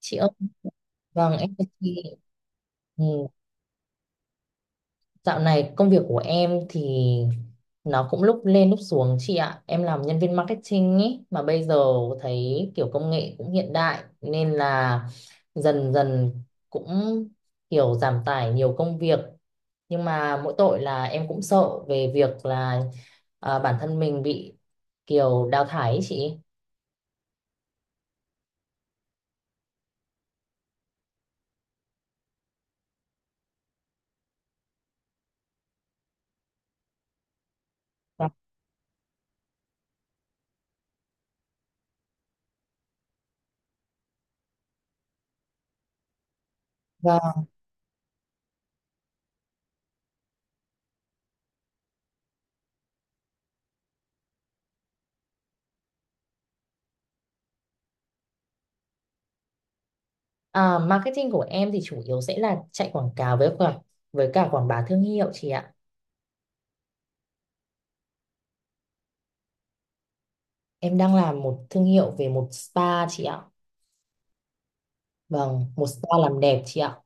Chị ơi, vâng em thưa chị. Ừ, dạo này công việc của em thì nó cũng lúc lên lúc xuống chị ạ. Em làm nhân viên marketing ý mà bây giờ thấy kiểu công nghệ cũng hiện đại nên là dần dần cũng kiểu giảm tải nhiều công việc. Nhưng mà mỗi tội là em cũng sợ về việc là à, bản thân mình bị kiểu đào thải ý chị. Vâng. À, marketing của em thì chủ yếu sẽ là chạy quảng cáo với cả quảng bá thương hiệu chị ạ. Em đang làm một thương hiệu về một spa chị ạ. Vâng, một spa làm đẹp chị ạ.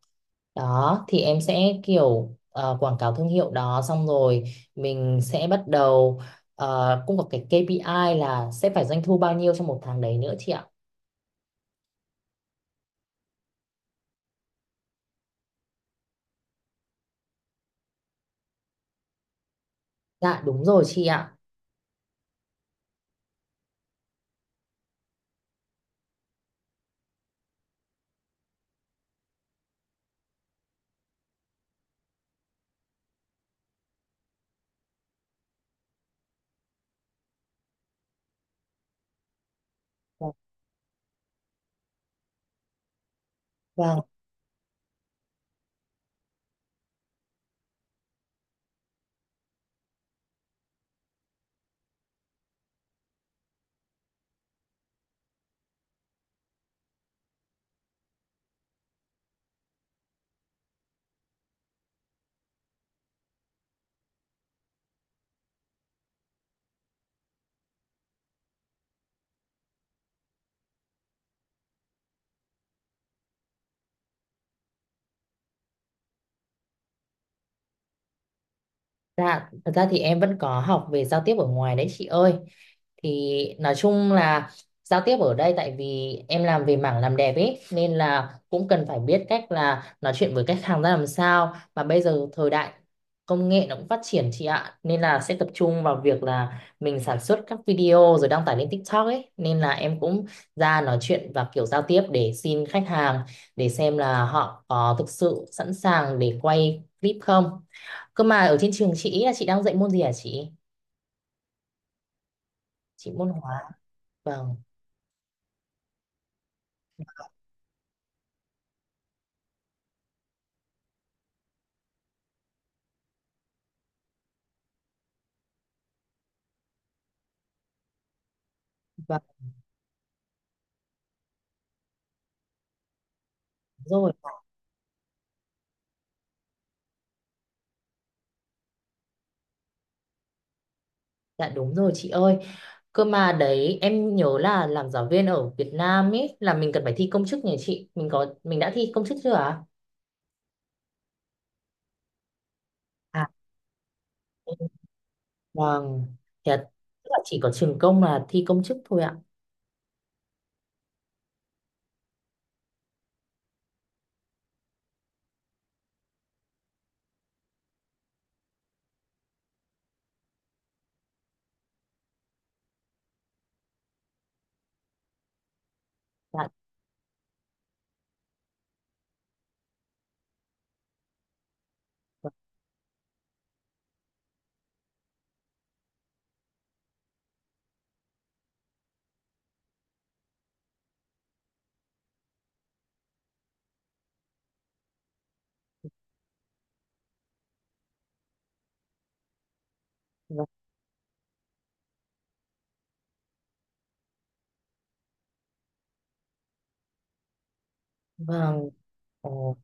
Đó, thì em sẽ kiểu quảng cáo thương hiệu đó xong rồi mình sẽ bắt đầu, cũng có cái KPI là sẽ phải doanh thu bao nhiêu trong một tháng đấy nữa chị ạ. Dạ đúng rồi chị ạ. Vâng. Dạ, thật ra thì em vẫn có học về giao tiếp ở ngoài đấy chị ơi. Thì nói chung là giao tiếp ở đây tại vì em làm về mảng làm đẹp ấy nên là cũng cần phải biết cách là nói chuyện với khách hàng ra làm sao. Mà bây giờ thời đại công nghệ nó cũng phát triển chị ạ. Nên là sẽ tập trung vào việc là mình sản xuất các video rồi đăng tải lên TikTok ấy. Nên là em cũng ra nói chuyện và kiểu giao tiếp để xin khách hàng, để xem là họ có thực sự sẵn sàng để quay clip không. Cơ mà ở trên trường chị ý là chị đang dạy môn gì hả chị? Chị môn hóa. Vâng. Vâng rồi. Dạ đúng rồi chị ơi. Cơ mà đấy em nhớ là làm giáo viên ở Việt Nam ấy là mình cần phải thi công chức nhỉ chị? Mình đã thi công chức chưa ạ? À, vâng. Thì là tức là chỉ có trường công là thi công chức thôi ạ. Dạ. Vâng. Vâng. Ồ.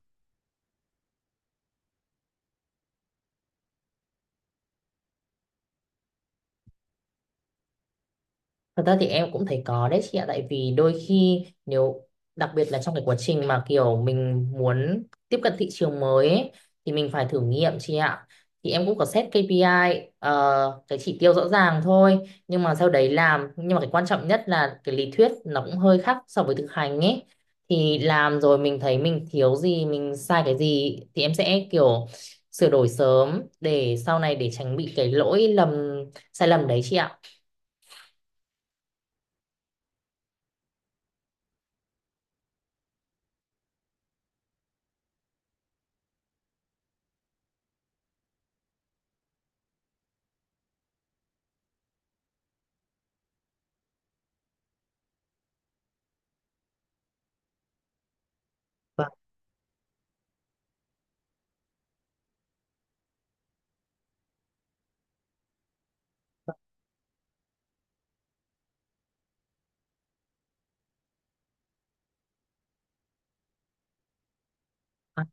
Thật ra thì em cũng thấy có đấy chị ạ. Tại vì đôi khi nếu đặc biệt là trong cái quá trình mà kiểu mình muốn tiếp cận thị trường mới ấy, thì mình phải thử nghiệm chị ạ. Thì em cũng có set KPI, cái chỉ tiêu rõ ràng thôi, nhưng mà sau đấy làm, nhưng mà cái quan trọng nhất là cái lý thuyết nó cũng hơi khác so với thực hành ấy, thì làm rồi mình thấy mình thiếu gì, mình sai cái gì thì em sẽ kiểu sửa đổi sớm để sau này để tránh bị cái lỗi lầm, sai lầm đấy chị ạ. Vâng. À,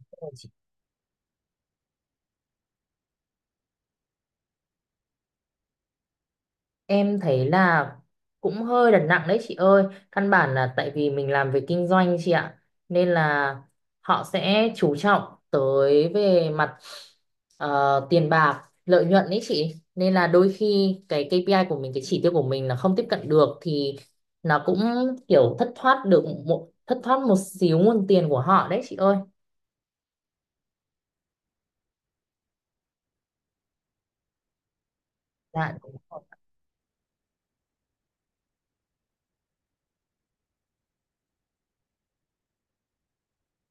dạ, em thấy là cũng hơi đặt nặng đấy chị ơi. Căn bản là tại vì mình làm về kinh doanh chị ạ. Nên là họ sẽ chú trọng tới về mặt tiền bạc, lợi nhuận đấy chị. Nên là đôi khi cái KPI của mình, cái chỉ tiêu của mình là không tiếp cận được thì nó cũng kiểu thất thoát một xíu nguồn tiền của họ đấy chị ơi. Dạ đúng rồi.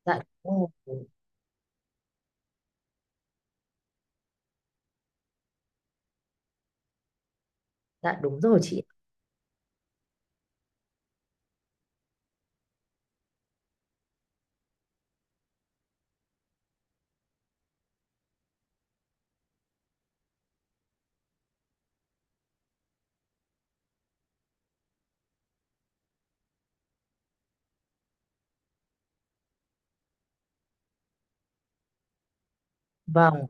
Dạ đúng rồi. Dạ đúng rồi chị. Vâng.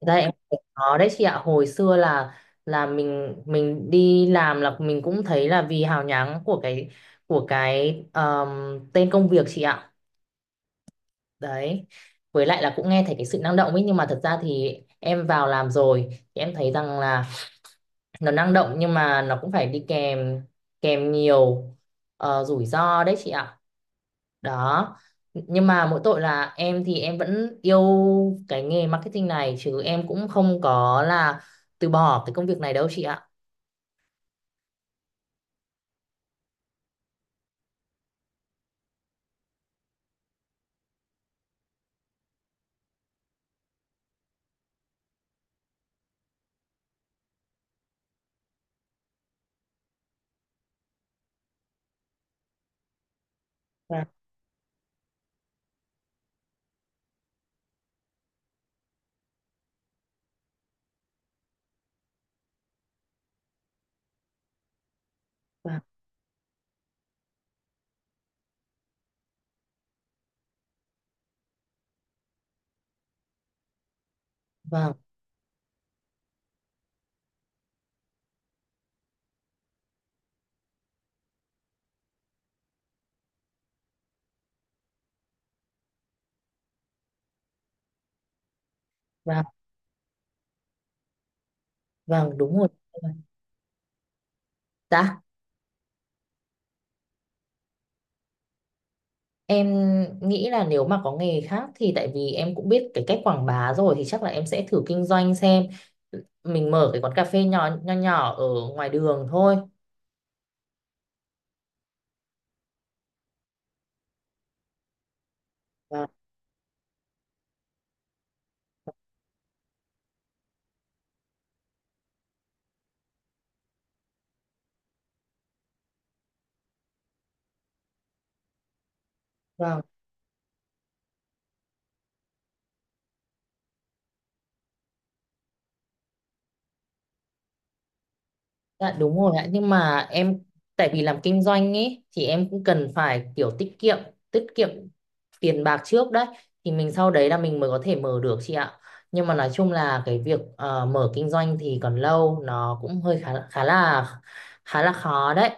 Thật ra em thấy có đấy chị ạ. Hồi xưa là, mình đi làm là mình cũng thấy là vì hào nhoáng của cái tên công việc chị ạ. Đấy, với lại là cũng nghe thấy cái sự năng động ấy, nhưng mà thật ra thì em vào làm rồi thì em thấy rằng là nó năng động nhưng mà nó cũng phải đi kèm kèm nhiều rủi ro đấy chị ạ. Đó, nhưng mà mỗi tội là em thì em vẫn yêu cái nghề marketing này, chứ em cũng không có là từ bỏ cái công việc này đâu chị ạ. Vâng, vâng, vâng, vâng, vâng, đúng rồi. Dạ, em nghĩ là nếu mà có nghề khác thì tại vì em cũng biết cái cách quảng bá rồi, thì chắc là em sẽ thử kinh doanh xem, mình mở cái quán cà phê nhỏ nho nhỏ ở ngoài đường thôi. Vâng, vâng. Dạ đúng rồi ạ, nhưng mà em, tại vì làm kinh doanh ấy thì em cũng cần phải kiểu tiết kiệm tiền bạc trước đấy, thì mình sau đấy là mình mới có thể mở được chị ạ. Nhưng mà nói chung là cái việc mở kinh doanh thì còn lâu, nó cũng hơi khá khá là khó đấy.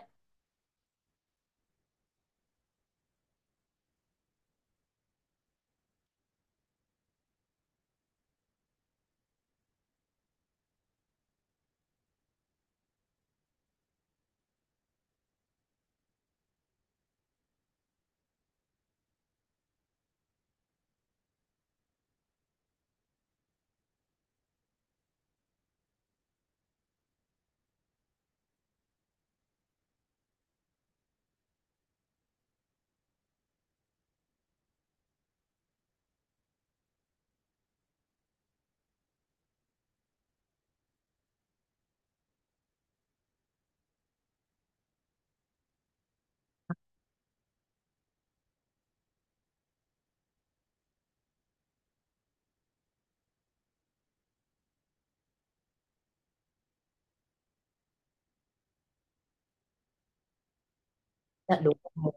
Dạ đúng rồi.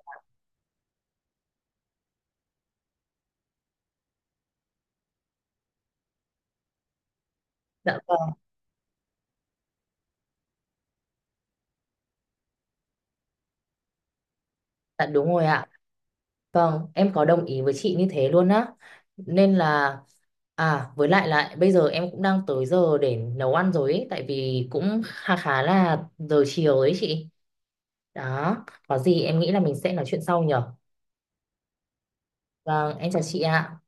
Dạ vâng, dạ đúng rồi ạ. Vâng, em có đồng ý với chị như thế luôn á. Nên là với lại lại bây giờ em cũng đang tới giờ để nấu ăn rồi ấy, tại vì cũng khá khá là giờ chiều đấy chị. Đó, có gì em nghĩ là mình sẽ nói chuyện sau nhở. Vâng, em chào chị ạ.